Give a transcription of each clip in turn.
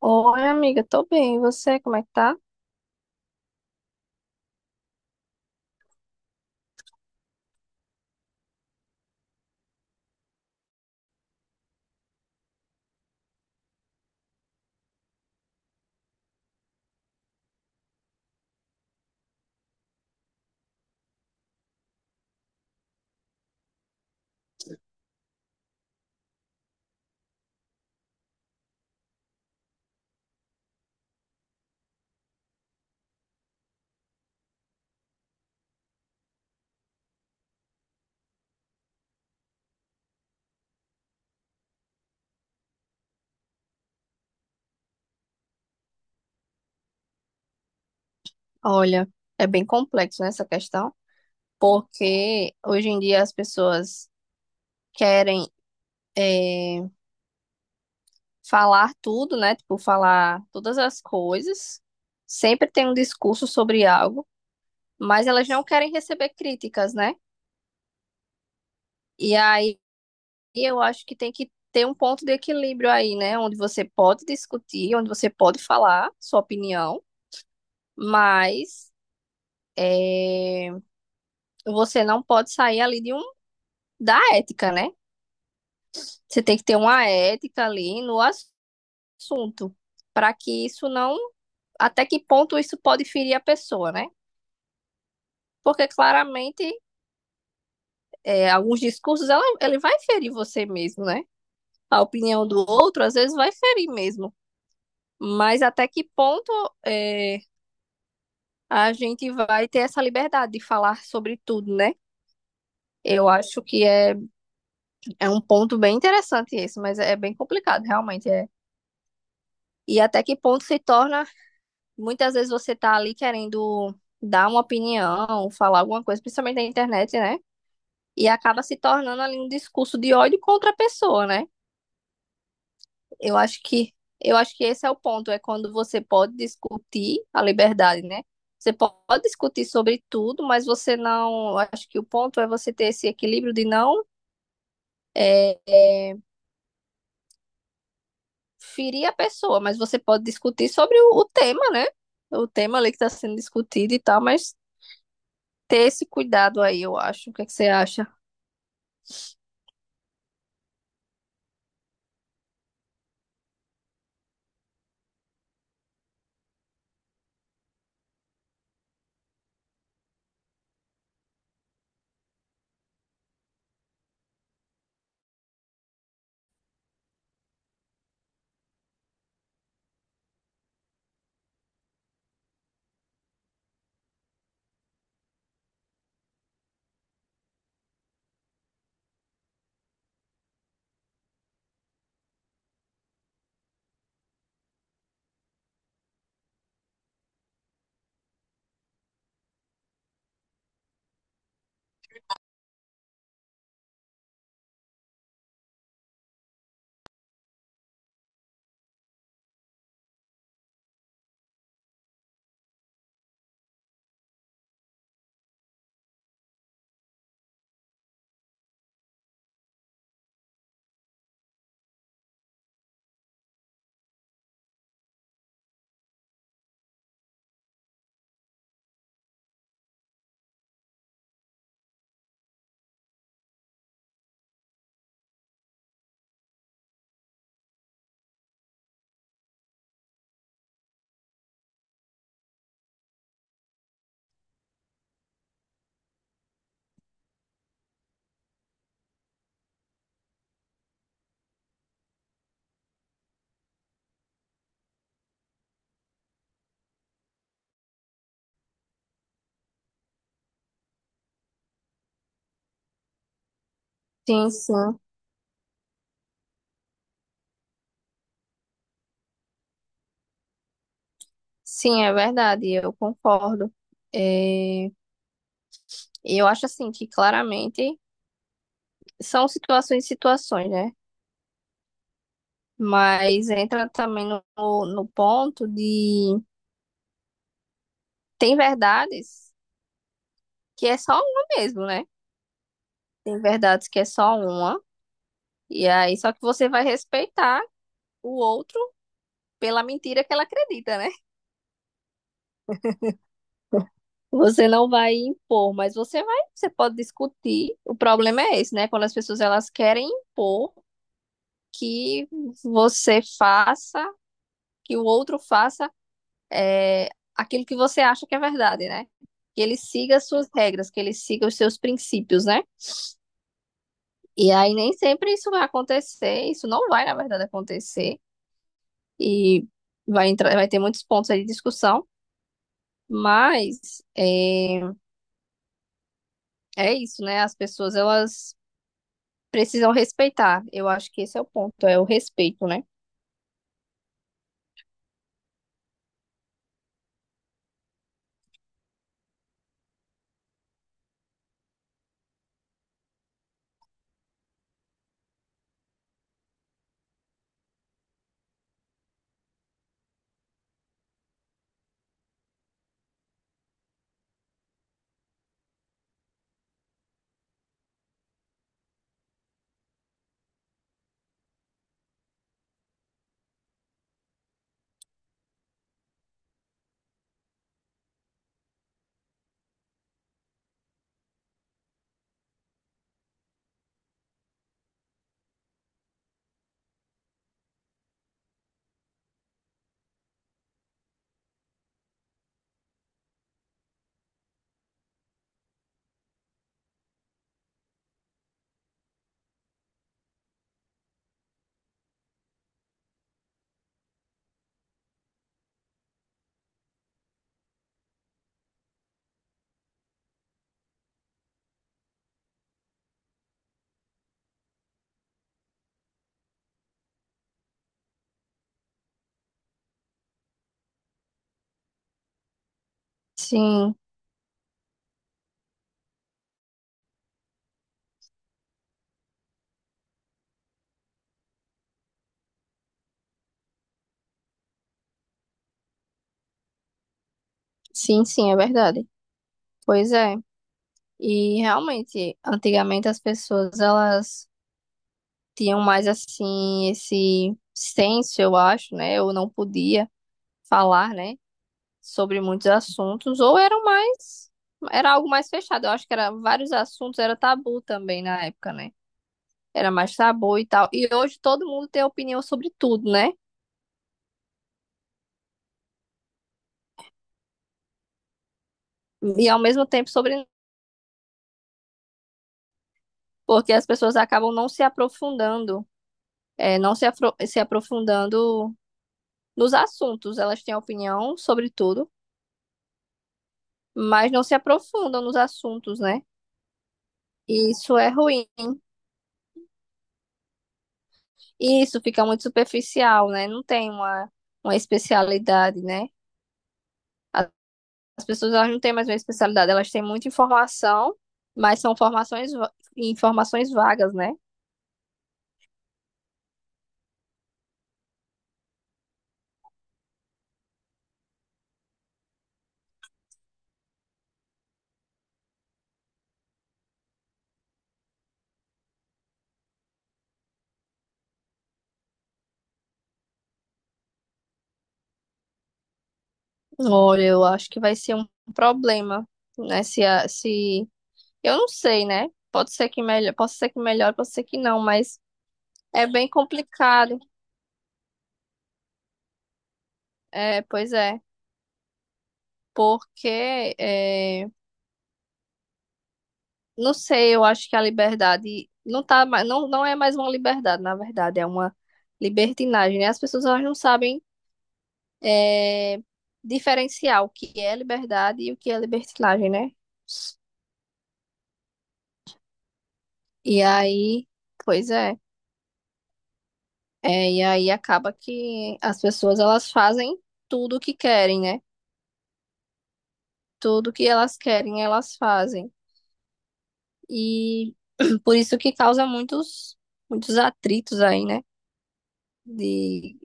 Oi, amiga, tô bem. E você, como é que tá? Olha, é bem complexo, né, essa questão, porque hoje em dia as pessoas querem eh, falar tudo, né? Tipo, falar todas as coisas. Sempre tem um discurso sobre algo, mas elas não querem receber críticas, né? E aí eu acho que tem que ter um ponto de equilíbrio aí, né? Onde você pode discutir, onde você pode falar sua opinião, mas eh, você não pode sair ali de um da ética, né? Você tem que ter uma ética ali no assunto, para que isso não. Até que ponto isso pode ferir a pessoa, né? Porque claramente é, alguns discursos ela, ele vai ferir você mesmo, né? A opinião do outro às vezes vai ferir mesmo. Mas até que ponto é, a gente vai ter essa liberdade de falar sobre tudo, né? Eu acho que é, é um ponto bem interessante esse, mas é bem complicado, realmente. É. E até que ponto se torna muitas vezes você tá ali querendo dar uma opinião, falar alguma coisa, principalmente na internet, né? E acaba se tornando ali um discurso de ódio contra a pessoa, né? Eu acho que eu acho que esse é o ponto, é quando você pode discutir a liberdade, né? Pode discutir sobre tudo, mas você não. eu Acho que o ponto é você ter esse equilíbrio de não é, é, ferir a pessoa, mas você pode discutir sobre o tema, né? O tema ali que está sendo discutido e tal, mas ter esse cuidado aí, eu acho. O que é que você acha? Sim, sim. Sim, é verdade, eu concordo. É, eu acho assim que claramente são situações e situações, né? Mas entra também no ponto de tem verdades que é só uma mesmo, né? Tem verdades que é só uma, e aí só que você vai respeitar o outro pela mentira que ela acredita, né? Você não vai impor, mas você vai, você pode discutir. O problema é esse, né? Quando as pessoas elas querem impor que você faça, que o outro faça é, aquilo que você acha que é verdade, né? Que ele siga as suas regras, que ele siga os seus princípios, né? E aí nem sempre isso vai acontecer, isso não vai, na verdade, acontecer. E vai entrar, vai ter muitos pontos aí de discussão, mas é, é isso, né? As pessoas, elas precisam respeitar. Eu acho que esse é o ponto, é o respeito, né? Sim, sim, sim, é verdade. Pois é. E realmente, antigamente as pessoas elas tinham mais assim esse senso, eu acho, né? Ou não podia falar, né, sobre muitos assuntos, ou eram mais era algo mais fechado. Eu acho que era vários assuntos era tabu também na época, né? Era mais tabu e tal. E hoje todo mundo tem opinião sobre tudo, né? E ao mesmo tempo sobre porque as pessoas acabam não se aprofundando, é, se aprofundando nos assuntos. Elas têm opinião sobre tudo, mas não se aprofundam nos assuntos, né? E isso é ruim. E isso fica muito superficial, né? Não tem uma especialidade, né? A- As pessoas elas não têm mais uma especialidade, elas têm muita informação, mas são informações vagas, né? Olha, eu acho que vai ser um problema, né? Se, a- se Eu não sei, né? Pode ser que melhor, pode ser que não, mas é bem complicado. É, pois é, porque é, não sei, eu acho que a liberdade não tá, não é mais uma liberdade, na verdade, é uma libertinagem, né? As pessoas elas não sabem é, diferenciar o que é liberdade e o que é libertinagem, né? E aí, pois é, é, e aí acaba que as pessoas elas fazem tudo o que querem, né? Tudo que elas querem, elas fazem. E por isso que causa muitos, muitos atritos aí, né? De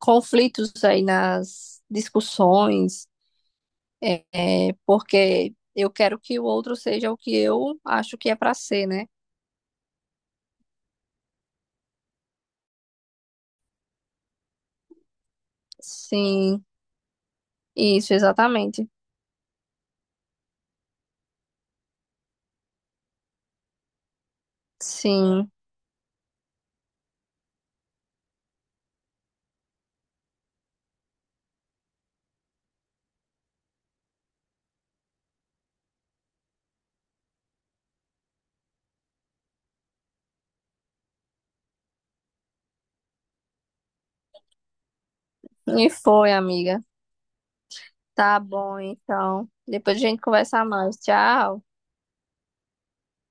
conflitos aí nas discussões, é, é, porque eu quero que o outro seja o que eu acho que é para ser, né? Sim, isso, exatamente. Sim. E foi, amiga. Tá bom, então. Depois a gente conversa mais. Tchau.